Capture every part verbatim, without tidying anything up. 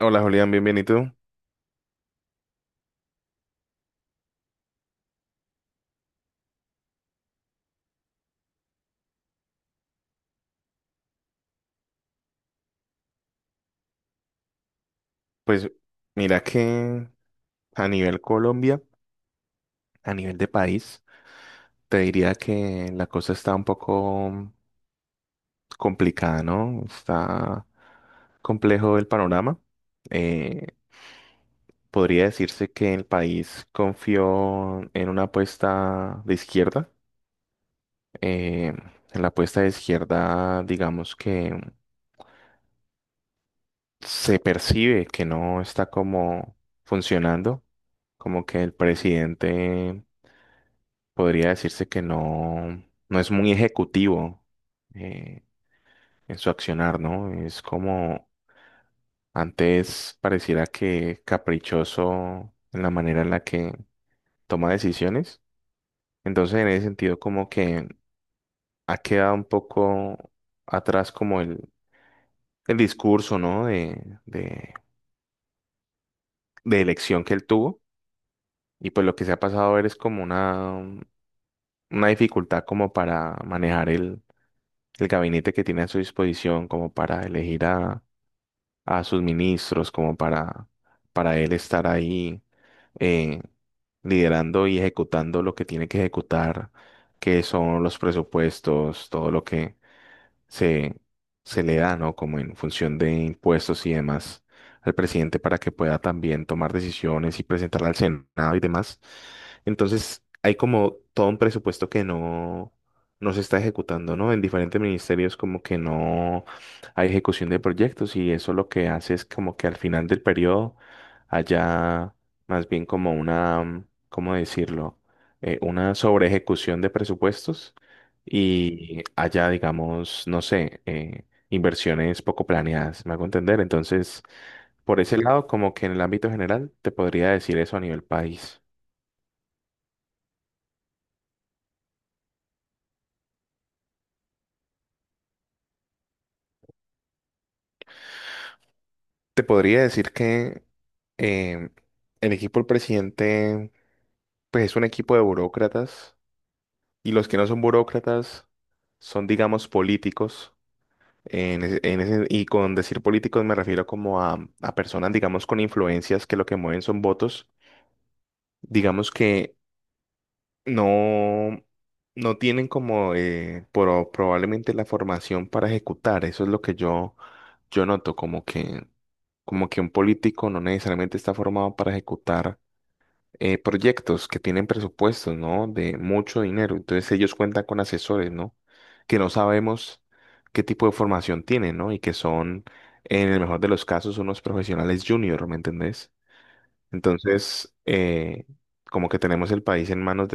Hola Julián, bienvenido. Pues mira que a nivel Colombia, a nivel de país, te diría que la cosa está un poco complicada, ¿no? Está complejo el panorama. Eh, Podría decirse que el país confió en una apuesta de izquierda. Eh, en la apuesta de izquierda, digamos que se percibe que no está como funcionando, como que el presidente podría decirse que no, no es muy ejecutivo eh, en su accionar, ¿no? Es como antes pareciera que caprichoso en la manera en la que toma decisiones. Entonces, en ese sentido, como que ha quedado un poco atrás como el, el discurso, ¿no? De, de, de elección que él tuvo. Y pues lo que se ha pasado a ver es como una, una dificultad como para manejar el el gabinete que tiene a su disposición como para elegir a, a sus ministros como para, para él estar ahí eh, liderando y ejecutando lo que tiene que ejecutar, que son los presupuestos, todo lo que, se, se le da, ¿no? Como en función de impuestos y demás al presidente para que pueda también tomar decisiones y presentarla al Senado y demás. Entonces, hay como todo un presupuesto que no, no se está ejecutando, ¿no? En diferentes ministerios como que no hay ejecución de proyectos y eso lo que hace es como que al final del periodo haya más bien como una, ¿cómo decirlo? Eh, una sobre ejecución de presupuestos y haya, digamos, no sé, eh, inversiones poco planeadas, me hago entender. Entonces, por ese lado, como que en el ámbito general, te podría decir eso a nivel país. Te podría decir que eh, el equipo del presidente, pues es un equipo de burócratas y los que no son burócratas son, digamos, políticos. En ese- en ese- y con decir políticos me refiero como a, a personas, digamos, con influencias que lo que mueven son votos. Digamos que no, no tienen como eh, pro- probablemente la formación para ejecutar. Eso es lo que yo, yo noto, como que, como que un político no necesariamente está formado para ejecutar eh, proyectos que tienen presupuestos, ¿no? De mucho dinero. Entonces ellos cuentan con asesores, ¿no? Que no sabemos qué tipo de formación tienen, ¿no? Y que son, en el mejor de los casos, unos profesionales junior, ¿me entendés? Entonces, eh, como que tenemos el país en manos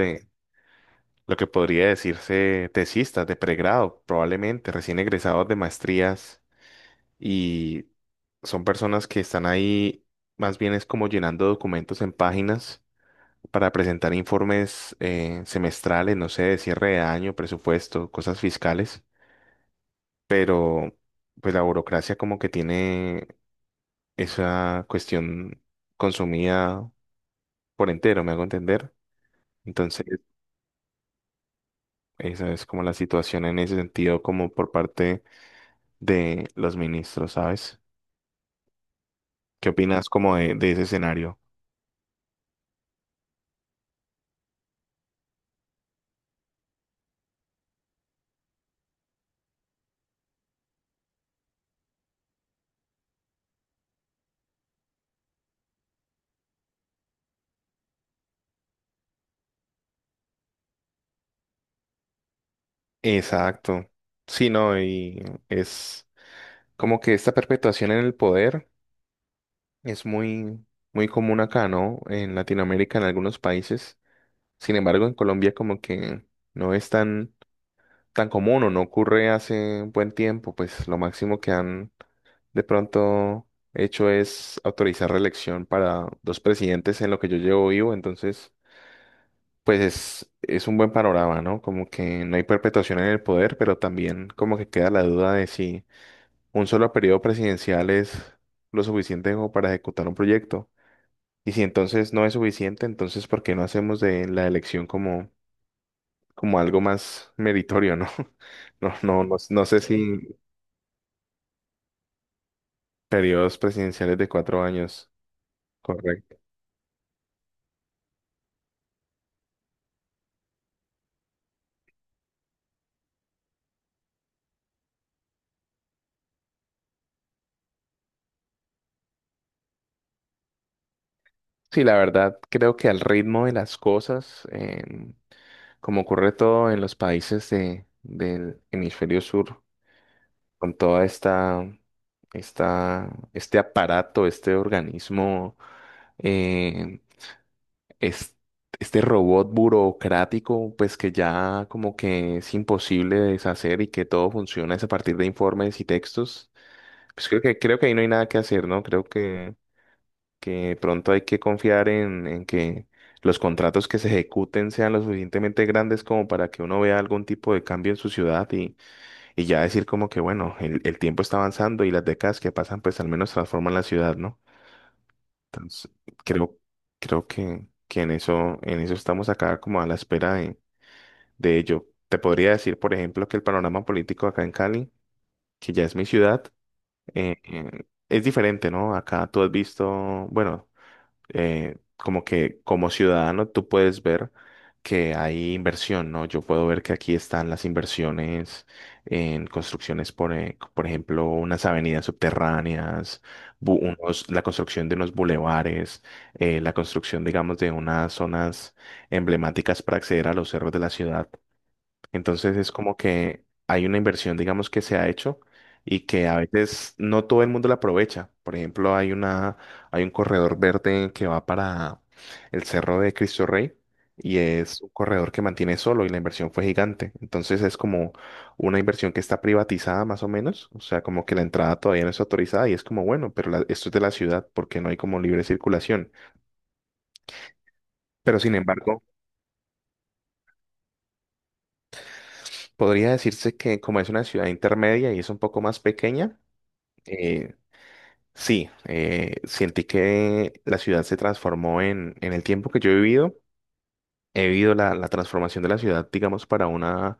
lo que podría decirse tesistas de pregrado, probablemente recién egresados de maestrías y son personas que están ahí más bien es como llenando documentos en páginas para presentar informes eh, semestrales, no sé, de cierre de año, presupuesto, cosas fiscales, pero pues la burocracia como que tiene esa cuestión consumida por entero, me hago entender. Entonces, esa es como la situación en ese sentido, como por parte de los ministros, ¿sabes? ¿Qué opinas como de, de ese escenario? Exacto. Sí, no, y es como que esta perpetuación en el poder es muy, muy común acá, ¿no? En Latinoamérica, en algunos países. Sin embargo, en Colombia como que no es tan, tan común o no ocurre hace un buen tiempo. Pues lo máximo que han de pronto hecho es autorizar reelección para dos presidentes en lo que yo llevo vivo. Entonces... pues es, es un buen panorama, ¿no? Como que no hay perpetuación en el poder, pero también como que queda la duda de si un solo periodo presidencial es lo suficiente como para ejecutar un proyecto. Y si entonces no es suficiente, entonces ¿por qué no hacemos de la elección como, como algo más meritorio, ¿no? No, no, no, no sé si periodos presidenciales de cuatro años, correcto. Sí, la verdad, creo que al ritmo de las cosas, em, como ocurre todo en los países de- del hemisferio sur, con toda esta, esta, este aparato, este organismo, eh, es- este robot burocrático, pues que ya como que es imposible deshacer y que todo funciona es a partir de informes y textos. Pues creo que, creo que ahí no hay nada que hacer, ¿no? Creo que, que pronto hay que confiar en, en que los contratos que se ejecuten sean lo suficientemente grandes como para que uno vea algún tipo de cambio en su ciudad y ya decir como que, bueno, el, el tiempo está avanzando y las décadas que pasan, pues al menos transforman la ciudad, ¿no? Entonces, creo, creo que, que en eso, en eso estamos acá como a la espera de, de ello. Te podría decir, por ejemplo, que el panorama político acá en Cali, que ya es mi ciudad, eh, eh, es diferente, ¿no? Acá tú has visto, bueno, eh, como que como ciudadano tú puedes ver que hay inversión, ¿no? Yo puedo ver que aquí están las inversiones en construcciones, por, e- por ejemplo, unas avenidas subterráneas, bu- unos, la construcción de unos bulevares, eh, la construcción, digamos, de unas zonas emblemáticas para acceder a los cerros de la ciudad. Entonces es como que hay una inversión, digamos, que se ha hecho y que a veces no todo el mundo la aprovecha. Por ejemplo, hay una, hay un corredor verde que va para el Cerro de Cristo Rey y es un corredor que mantiene solo y la inversión fue gigante. Entonces es como una inversión que está privatizada más o menos, o sea, como que la entrada todavía no es autorizada y es como, bueno, pero la- esto es de la ciudad porque no hay como libre circulación. Pero sin embargo, podría decirse que como es una ciudad intermedia y es un poco más pequeña, eh, Sí, eh, sentí que la ciudad se transformó en, en el tiempo que yo he vivido. He vivido la, la transformación de la ciudad, digamos, para una,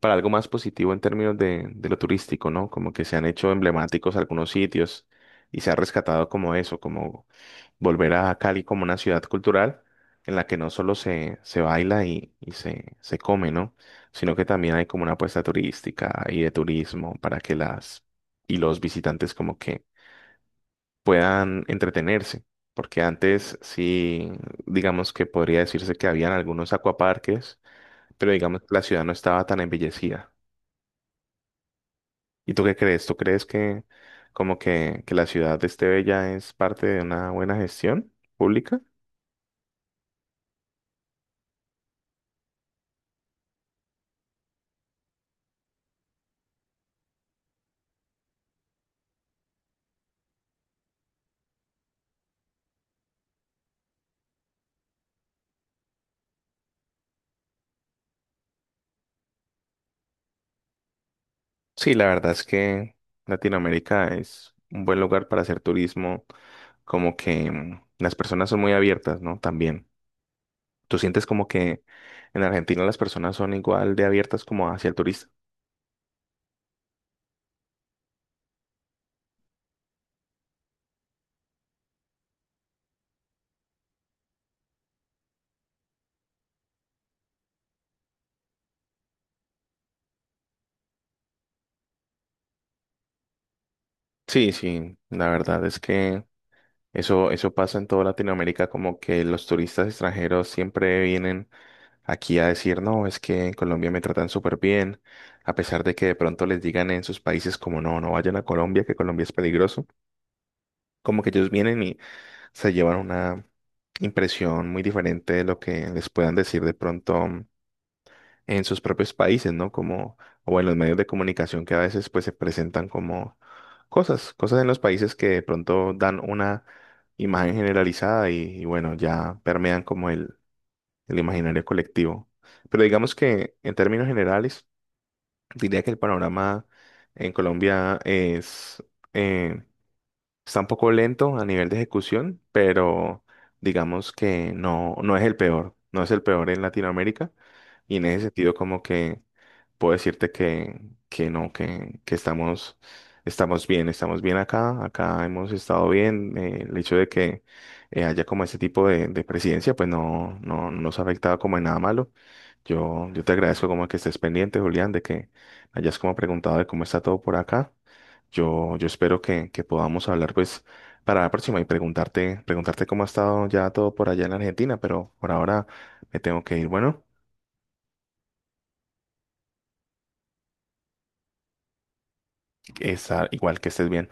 para algo más positivo en términos de, de lo turístico, ¿no? Como que se han hecho emblemáticos algunos sitios y se ha rescatado como eso, como volver a Cali como una ciudad cultural en la que no solo se, se baila y, y se, se come, ¿no? Sino que también hay como una apuesta turística y de turismo para que las y los visitantes como que puedan entretenerse. Porque antes sí, digamos que podría decirse que habían algunos acuaparques, pero digamos que la ciudad no estaba tan embellecida. ¿Y tú qué crees? ¿Tú crees que como que, que la ciudad esté bella es parte de una buena gestión pública? Sí, la verdad es que Latinoamérica es un buen lugar para hacer turismo, como que mm, las personas son muy abiertas, ¿no? También. ¿Tú sientes como que en Argentina las personas son igual de abiertas como hacia el turista? Sí, sí, la verdad es que eso, eso pasa en toda Latinoamérica, como que los turistas extranjeros siempre vienen aquí a decir, no, es que en Colombia me tratan súper bien, a pesar de que de pronto les digan en sus países como, no, no vayan a Colombia, que Colombia es peligroso, como que ellos vienen y se llevan una impresión muy diferente de lo que les puedan decir de pronto en sus propios países, ¿no? Como, o en los medios de comunicación que a veces pues se presentan como cosas, cosas en los países que de pronto dan una imagen generalizada y, y bueno, ya permean como el, el imaginario colectivo. Pero digamos que en términos generales, diría que el panorama en Colombia es, eh, está un poco lento a nivel de ejecución, pero digamos que no, no es el peor, no es el peor en Latinoamérica. Y en ese sentido, como que puedo decirte que, que no, que, que estamos, estamos bien, estamos bien acá, acá hemos estado bien. Eh, el hecho de que eh, haya como ese tipo de, de presidencia, pues no, no, no nos ha afectado como en nada malo. Yo, yo te agradezco como que estés pendiente, Julián, de que hayas como preguntado de cómo está todo por acá. Yo, yo espero que, que podamos hablar pues para la próxima y preguntarte, preguntarte cómo ha estado ya todo por allá en Argentina, pero por ahora me tengo que ir. Bueno, que está igual que estés bien.